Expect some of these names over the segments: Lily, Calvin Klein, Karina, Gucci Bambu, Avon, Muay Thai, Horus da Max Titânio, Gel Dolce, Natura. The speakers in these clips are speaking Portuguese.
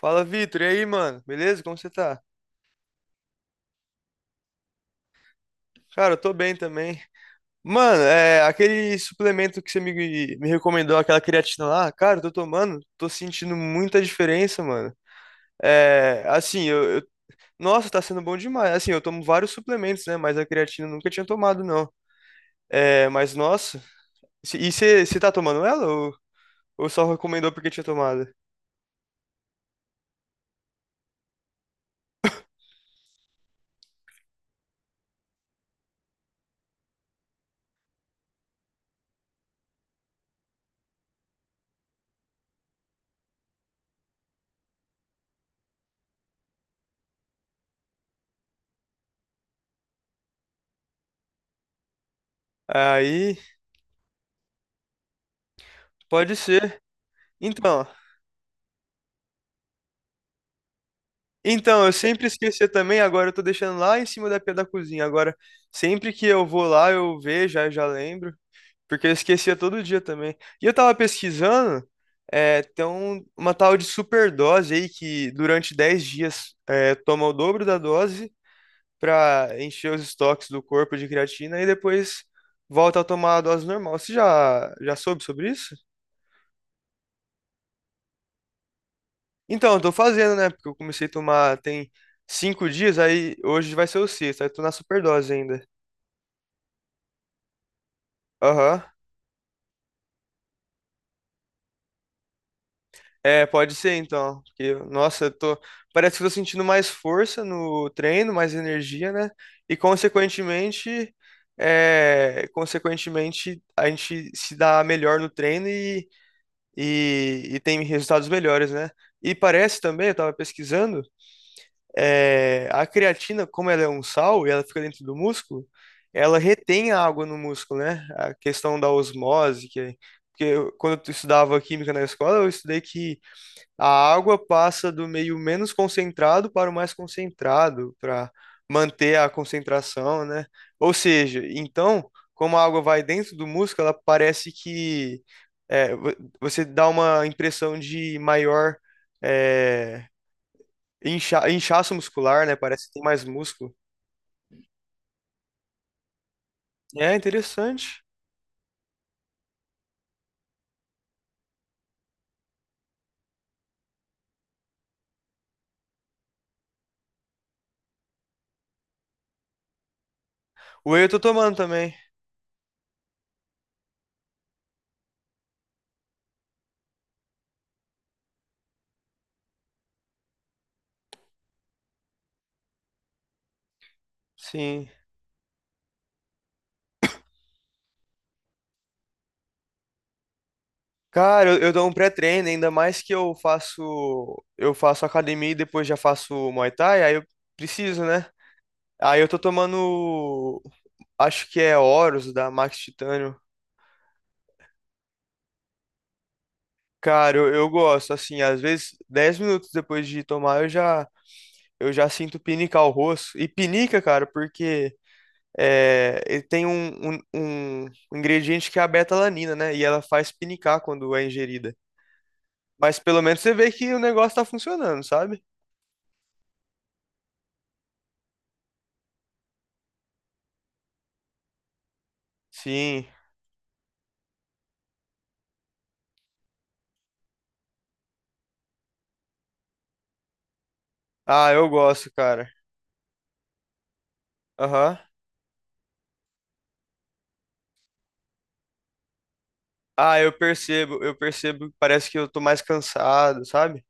Fala, Vitor. E aí, mano? Beleza? Como você tá? Cara, eu tô bem também. Mano, aquele suplemento que me recomendou, aquela creatina lá, cara, eu tô tomando, tô sentindo muita diferença, mano. É, assim, eu, eu- Nossa, tá sendo bom demais. Assim, eu tomo vários suplementos, né? Mas a creatina eu nunca tinha tomado, não. É, mas, nossa, e você tá tomando ela ou só recomendou porque tinha tomado? Aí, pode ser. Então. Então, eu sempre esquecia também, agora eu tô deixando lá em cima da pia da cozinha. Agora, sempre que eu vou lá, eu vejo, aí eu já lembro, porque eu esquecia todo dia também. E eu tava pesquisando, é, tem uma tal de superdose aí que durante 10 dias toma o dobro da dose pra encher os estoques do corpo de creatina e depois volta a tomar a dose normal. Você já soube sobre isso? Então, eu tô fazendo, né? Porque eu comecei a tomar tem 5 dias, aí hoje vai ser o sexto, aí tô na superdose ainda. Aham. É, pode ser então. Porque, nossa, eu tô. Parece que eu tô sentindo mais força no treino, mais energia, né? E consequentemente, consequentemente, a gente se dá melhor no treino e tem resultados melhores, né? E parece também, eu tava pesquisando. É, a creatina, como ela é um sal e ela fica dentro do músculo, ela retém a água no músculo, né? A questão da osmose, que é, porque eu- quando eu estudava química na escola, eu estudei que a água passa do meio menos concentrado para o mais concentrado, para manter a concentração, né? Ou seja, então, como a água vai dentro do músculo, ela parece que é, vo- você dá uma impressão de maior. é, Inchaço muscular, né? Parece que tem mais músculo. É interessante. Whey eu tô tomando também. Sim. Cara, eu dou um pré-treino, ainda mais que eu faço academia e depois já faço Muay Thai, aí eu preciso, né? Aí eu tô tomando, acho que é Horus da Max Titânio. Cara, eu gosto, assim, às vezes 10 minutos depois de tomar eu já sinto pinicar o rosto. E pinica, cara, porque é, ele tem um ingrediente que é a beta-alanina, né? E ela faz pinicar quando é ingerida. Mas pelo menos você vê que o negócio tá funcionando, sabe? Sim. Ah, eu gosto, cara. Aham. Ah, eu percebo que parece que eu tô mais cansado, sabe?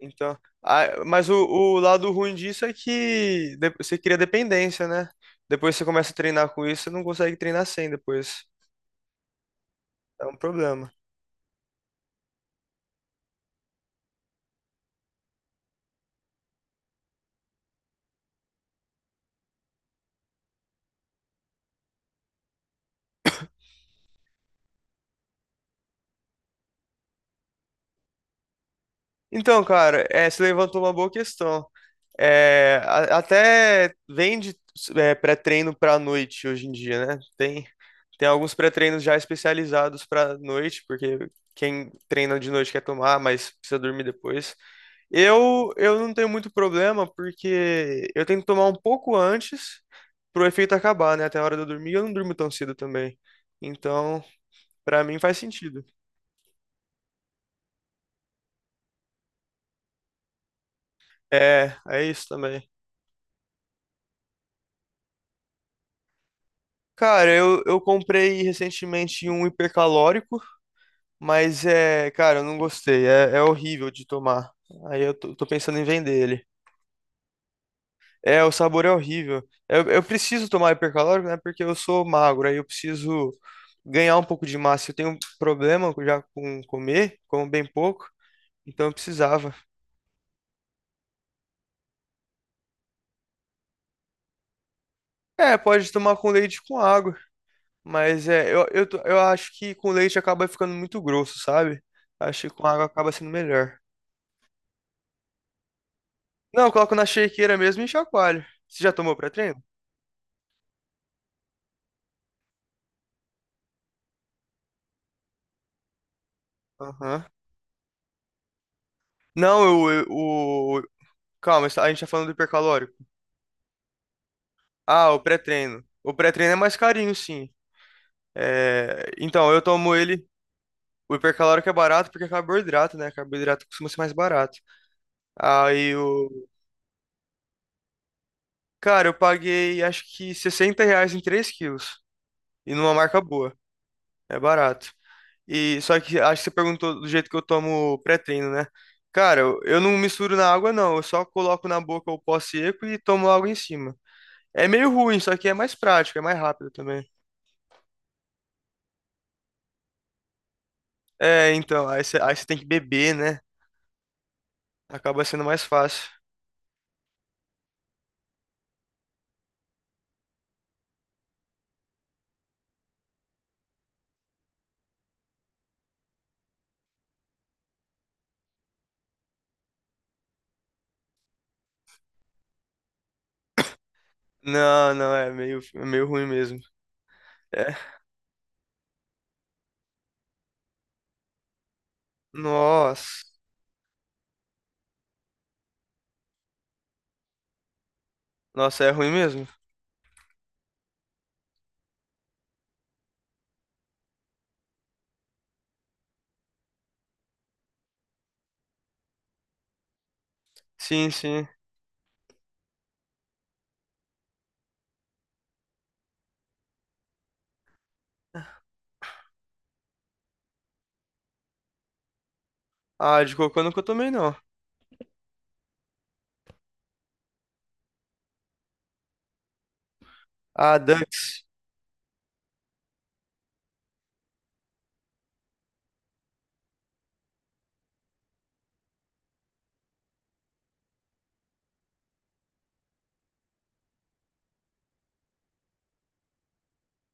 Então. Ah, mas o lado ruim disso é que você cria dependência, né? Depois você começa a treinar com isso, você não consegue treinar sem depois. É um problema. Então, cara, é, você levantou uma boa questão. É, até vende é, pré-treino para noite hoje em dia, né? Tem alguns pré-treinos já especializados para noite, porque quem treina de noite quer tomar, mas precisa dormir depois. Eu não tenho muito problema, porque eu tenho que tomar um pouco antes pro efeito acabar, né? Até a hora de eu dormir, eu não durmo tão cedo também. Então, pra mim faz sentido. É, é isso também. Cara, eu comprei recentemente um hipercalórico, mas é, cara, eu não gostei. É, é horrível de tomar. Aí tô pensando em vender ele. É, o sabor é horrível. Eu preciso tomar hipercalórico, né? Porque eu sou magro, aí eu preciso ganhar um pouco de massa. Eu tenho um problema já com comer, como bem pouco, então eu precisava. É, pode tomar com leite e com água, mas eu acho que com leite acaba ficando muito grosso, sabe? Acho que com água acaba sendo melhor. Não, eu coloco na shakeira mesmo e chacoalho. Você já tomou pré-treino? Aham. Não, eu- o. Calma, a gente tá falando do hipercalórico. Ah, o pré-treino. O pré-treino é mais carinho, sim. É, então, eu tomo ele. O hipercalórico é barato porque é carboidrato, né? Carboidrato costuma ser mais barato. Aí o. Cara, eu paguei acho que R$ 60 em 3 quilos. E numa marca boa. É barato. E só que acho que você perguntou do jeito que eu tomo pré-treino, né? Cara, eu não misturo na água, não. Eu só coloco na boca o pó seco e tomo água em cima. É meio ruim, só que é mais prático, é mais rápido também. É, então, aí você tem que beber, né? Acaba sendo mais fácil. Não, não, é é meio ruim mesmo. É. Nossa. Nossa, é ruim mesmo? Sim, sim. Ah, de cocô eu nunca tomei, não. Ah, Dux.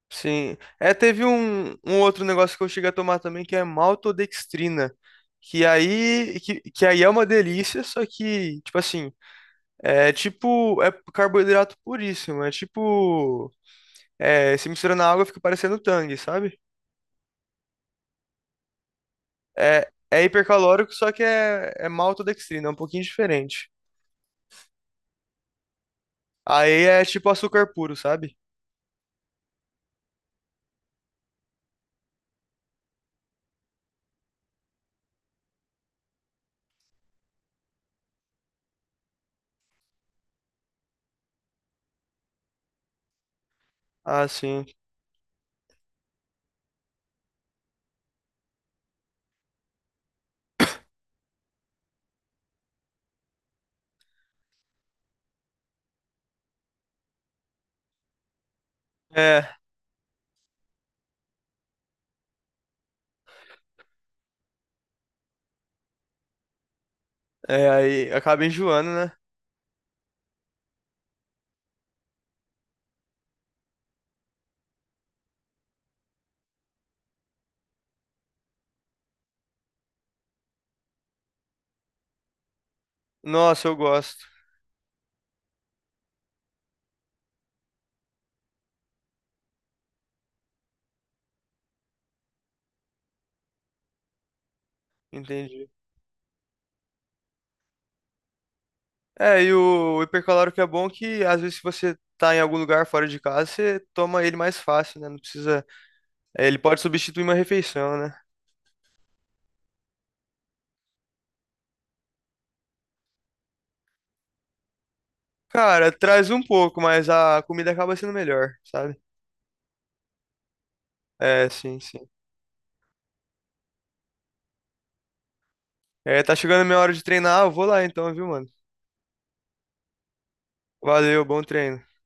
Sim. É, teve um outro negócio que eu cheguei a tomar também, que é maltodextrina. Que aí é uma delícia, só que, tipo assim, é tipo, é carboidrato puríssimo. É tipo, se mistura na água fica parecendo tang, sabe? É, é hipercalórico, só que é maltodextrina, é um pouquinho diferente. Aí é tipo açúcar puro, sabe? Ah, sim. É, aí acaba enjoando, né? Nossa, eu gosto. Entendi. É, e o hipercalórico que é bom que às vezes se você tá em algum lugar fora de casa, você toma ele mais fácil, né? Não precisa. Ele pode substituir uma refeição, né? Cara, traz um pouco, mas a comida acaba sendo melhor, sabe? É, sim, sim. É, tá chegando a minha hora de treinar, eu vou lá então, viu, mano? Valeu, bom treino.